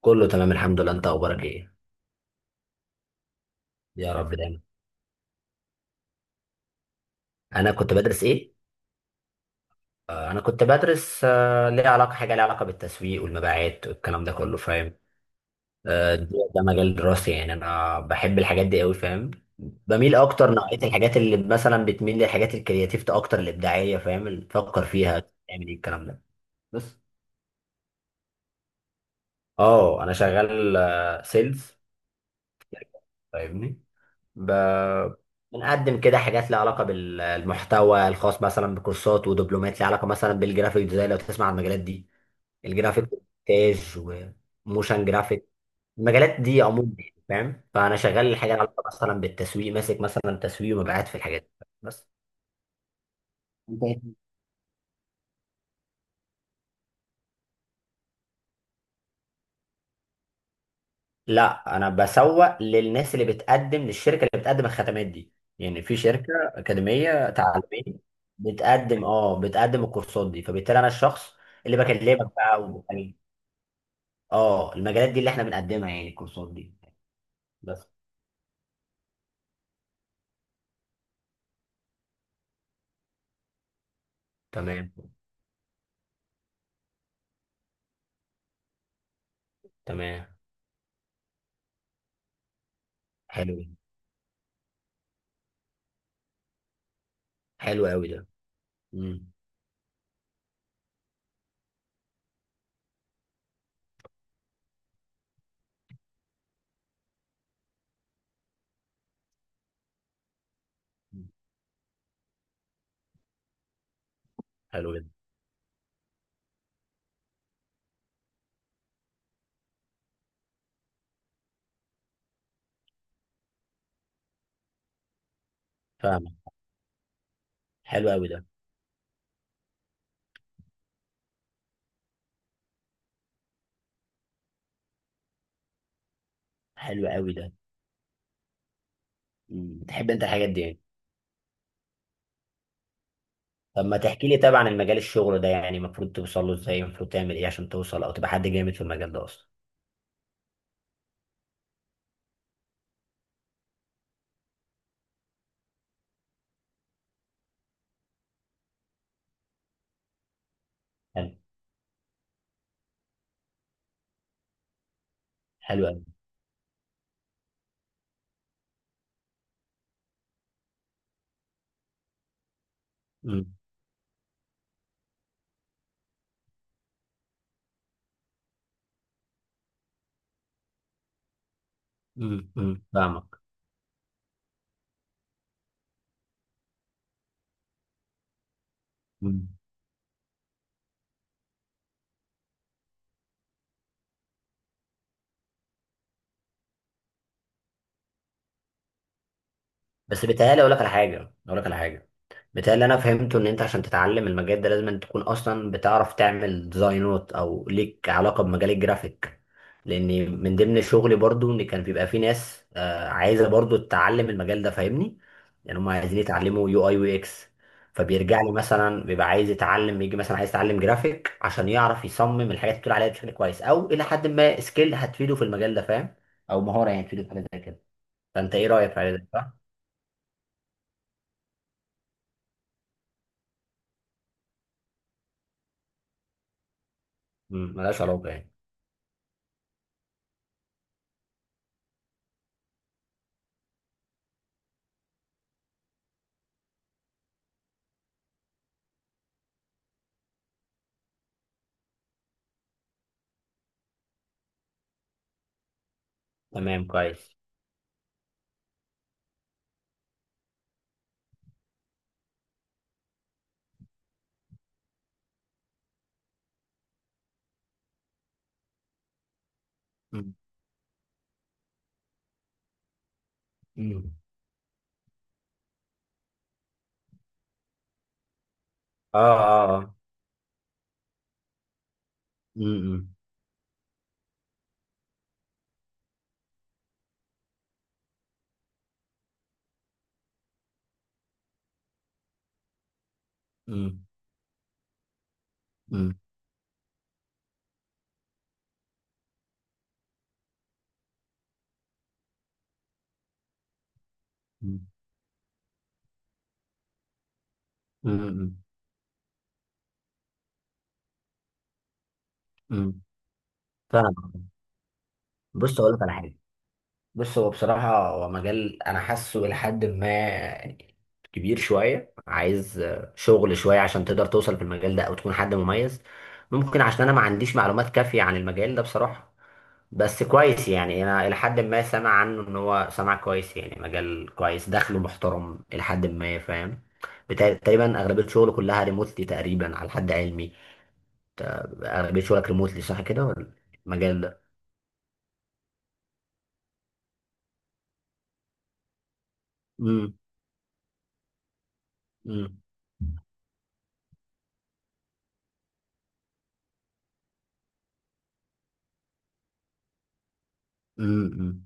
كله تمام الحمد لله، انت اخبارك ايه؟ يا رب دايما. انا كنت بدرس ايه؟ انا كنت بدرس ليه علاقه، حاجه ليها علاقه بالتسويق والمبيعات والكلام ده كله، فاهم؟ آه، ده مجال دراستي، يعني انا بحب الحاجات دي قوي، فاهم؟ بميل اكتر نوعيه الحاجات اللي مثلا بتميل للحاجات الكرياتيف اكتر، الابداعيه، فاهم اللي تفكر فيها تعمل ايه الكلام ده. بس اه انا شغال سيلز، فاهمني؟ ب- بنقدم كده حاجات لها علاقة بالمحتوى الخاص مثلا بكورسات ودبلومات، لها علاقة مثلا بالجرافيك ديزاين، لو تسمع عن المجالات دي، الجرافيك، مونتاج وموشن جرافيك، المجالات دي عموما يعني، فاهم؟ فأنا شغال الحاجة لها علاقة مثلا بالتسويق، ماسك مثلا تسويق ومبيعات في الحاجات دي بس. لا انا بسوق للناس اللي بتقدم للشركه، اللي بتقدم الخدمات دي. يعني في شركه اكاديميه تعليميه بتقدم اه بتقدم الكورسات دي، فبالتالي انا الشخص اللي بكلمك بقى اه المجالات دي اللي احنا بنقدمها، يعني الكورسات دي بس. تمام تمام. حلو، حلو قوي ده. امم. حلو جدا. فاهمك. حلو قوي ده. حلو قوي ده. مم. بتحب انت الحاجات دي يعني؟ طب ما تحكي لي، طبعا المجال الشغل ده يعني المفروض توصل له ازاي؟ المفروض تعمل ايه عشان توصل او تبقى حد جامد في المجال ده اصلا؟ حلو قوي. امم امم، امم، فاهمك. مم. بس بيتهيألي اقول لك على حاجه، اقول لك على حاجه، بتاع اللي انا فهمته ان انت عشان تتعلم المجال ده لازم أن تكون اصلا بتعرف تعمل ديزاينات او ليك علاقه بمجال الجرافيك، لان من ضمن شغلي برضو ان كان بيبقى في ناس عايزه برضو تتعلم المجال ده، فاهمني؟ يعني هم عايزين يتعلموا يو اي يو اكس، فبيرجع لي مثلا بيبقى عايز يتعلم، يجي مثلا عايز يتعلم جرافيك عشان يعرف يصمم الحاجات اللي بتقول عليها بشكل كويس، او الى حد ما سكيل هتفيده في المجال ده، فاهم؟ او مهاره يعني تفيده في حاجه زي كده، فانت ايه رايك في حاجه زي كده، صح؟ مم، ملهاش علاقه يعني. تمام، كويس. مم. اه اه اه. مم. مم. مم. مم. مم. مم. مم. فاهم. بص اقول لك على حاجه، بص هو بصراحة هو مجال أنا حاسه لحد ما يعني كبير شوية، عايز شغل شوية عشان تقدر توصل في المجال ده أو تكون حد مميز. ممكن عشان أنا ما عنديش معلومات كافية عن المجال ده بصراحة، بس كويس. يعني أنا لحد ما سامع عنه إن هو سامع كويس، يعني مجال كويس، دخله محترم لحد ما، فاهم؟ تقريبا أغلبية شغله كلها ريموتلي تقريبا على حد علمي. أغلبية شغلك ريموتلي صح كده ولا؟ المجال ده؟ امم امم، امم امم، امم.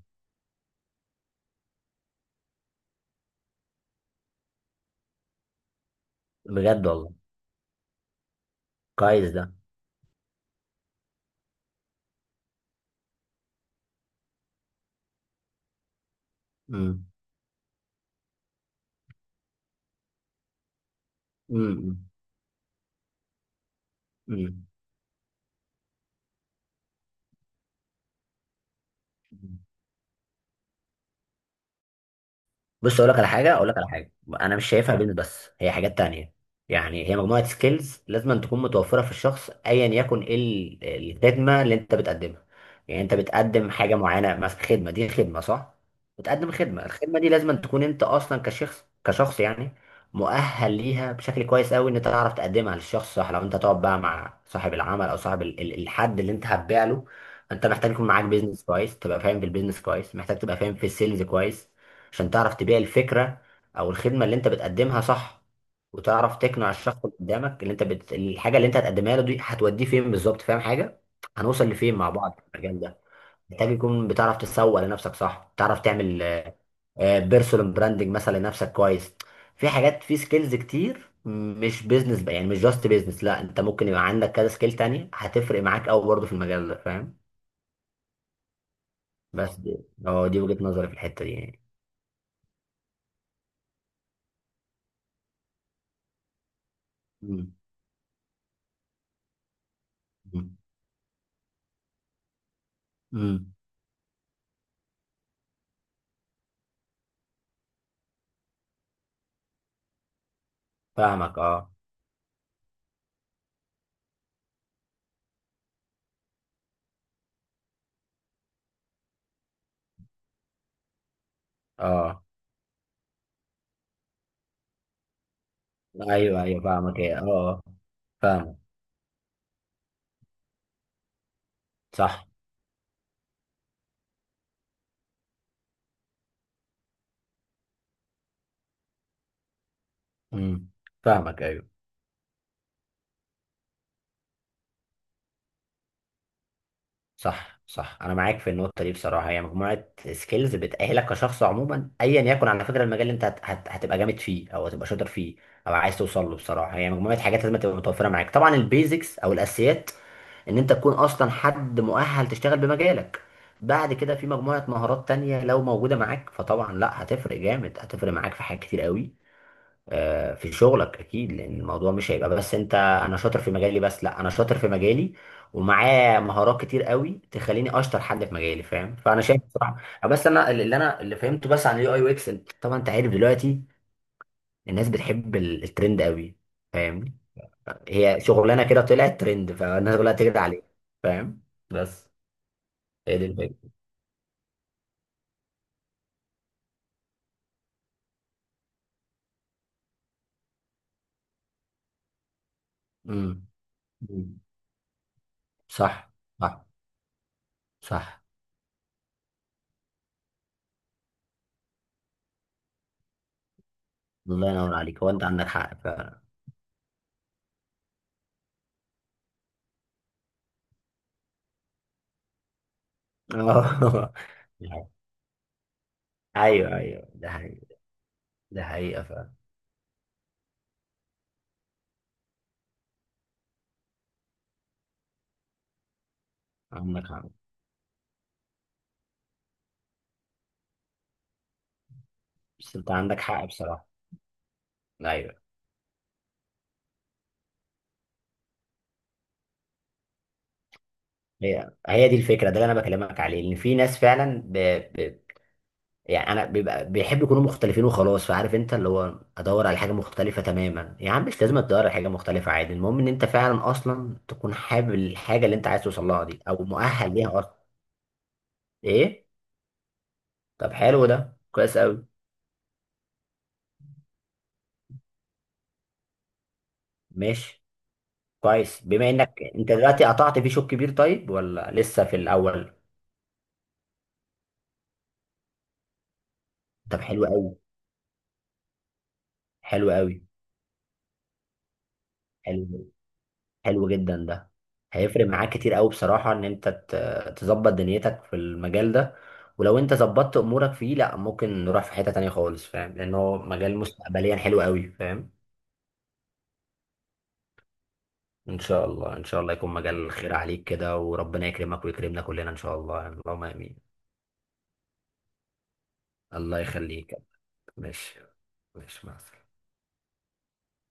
بجد والله. كويس ده. امم امم، امم، امم. بص اقول لك على حاجه، اقول لك على حاجه، انا مش شايفها قول بيزنس بس، هي حاجات تانية. يعني هي مجموعه سكيلز لازم تكون متوفره في الشخص، ايا يكن ايه الخدمه اللي انت بتقدمها. يعني انت بتقدم حاجه معينه، مثلا خدمه، دي خدمه صح؟ بتقدم خدمه، الخدمه دي لازم تكون انت اصلا كشخص يعني مؤهل ليها بشكل كويس قوي، ان انت تعرف تقدمها للشخص صح. لو انت تقعد بقى مع صاحب العمل او صاحب الحد اللي انت هتبيع له، انت محتاج يكون معاك بيزنس كويس، تبقى فاهم في البيزنس كويس، محتاج تبقى فاهم في السيلز كويس عشان تعرف تبيع الفكرة أو الخدمة اللي أنت بتقدمها، صح؟ وتعرف تقنع الشخص اللي قدامك، اللي أنت الحاجة اللي أنت هتقدمها له دي هتوديه فين بالظبط، فاهم حاجة؟ هنوصل لفين مع بعض في المجال ده. محتاج يكون بتعرف تسوق لنفسك صح، تعرف تعمل بيرسونال براندنج مثلا لنفسك كويس. في حاجات، في سكيلز كتير مش بيزنس بقى، يعني مش جاست بيزنس، لا انت ممكن يبقى عندك كذا سكيل تانية هتفرق معاك قوي برضه في المجال ده، فاهم؟ بس دي، اه دي وجهة نظري في الحتة دي يعني. مم. مم. مم. فاهمك. اه اه. ايوه ايوه فاهمك. ايه اه آه،. فاهمك. صح. امم. فاهمك. ايوه. صح صح، انا معاك في النقطه دي بصراحه. هي مجموعه سكيلز بتاهلك كشخص عموما ايا يكن على فكره المجال اللي انت هتبقى جامد فيه او هتبقى شاطر فيه او عايز توصل له. بصراحه هي مجموعه حاجات لازم تبقى متوفره معاك، طبعا البيزكس او الاساسيات ان انت تكون اصلا حد مؤهل تشتغل بمجالك، بعد كده في مجموعه مهارات تانية لو موجوده معاك فطبعا لا هتفرق جامد، هتفرق معاك في حاجات كتير قوي في شغلك اكيد. لان الموضوع مش هيبقى بس انت انا شاطر في مجالي بس، لا انا شاطر في مجالي ومعاه مهارات كتير قوي تخليني اشطر حد في مجالي، فاهم؟ فانا شايف بصراحه. بس انا اللي فهمته بس عن اليو اي يو اكس، طبعا انت عارف دلوقتي الناس بتحب الترند قوي، فاهم؟ هي شغلانه كده طلعت ترند فالناس كلها تجري عليه، فاهم؟ بس هي دي الفكره. امم. أمم. صح صح صح. الله ينور عليك، هو انت عندك حق فعلا. آه. ايوه ايوه ده حقيقة. ده حقيقة فعلا. عندك حق. بس انت عندك حق بصراحة. ايوه. هي هي دي الفكرة، ده اللي انا بكلمك عليه، ان في ناس فعلا ب... يعني انا بيبقى بيحب يكونوا مختلفين وخلاص، فعارف انت اللي هو ادور على حاجة مختلفة تماما، يا عم مش لازم تدور على حاجة مختلفة، عادي، المهم ان انت فعلا اصلا تكون حابب الحاجة اللي انت عايز توصل لها دي او مؤهل ليها اصلا. ايه؟ طب حلو ده، كويس قوي. ماشي، كويس بما انك انت دلوقتي قطعت في شوط كبير، طيب ولا لسه في الاول؟ طب حلو قوي، حلو قوي. حلو، حلو جدا ده. هيفرق معاك كتير قوي بصراحة ان انت تظبط دنيتك في المجال ده، ولو انت ظبطت امورك فيه لا ممكن نروح في حتة تانية خالص، فاهم؟ لان هو مجال مستقبليا حلو قوي، فاهم؟ ان شاء الله، ان شاء الله يكون مجال خير عليك كده، وربنا يكرمك ويكرمنا كلنا ان شاء الله، يعني اللهم امين. الله يخليك. ماشي. ماشي مع السلامة.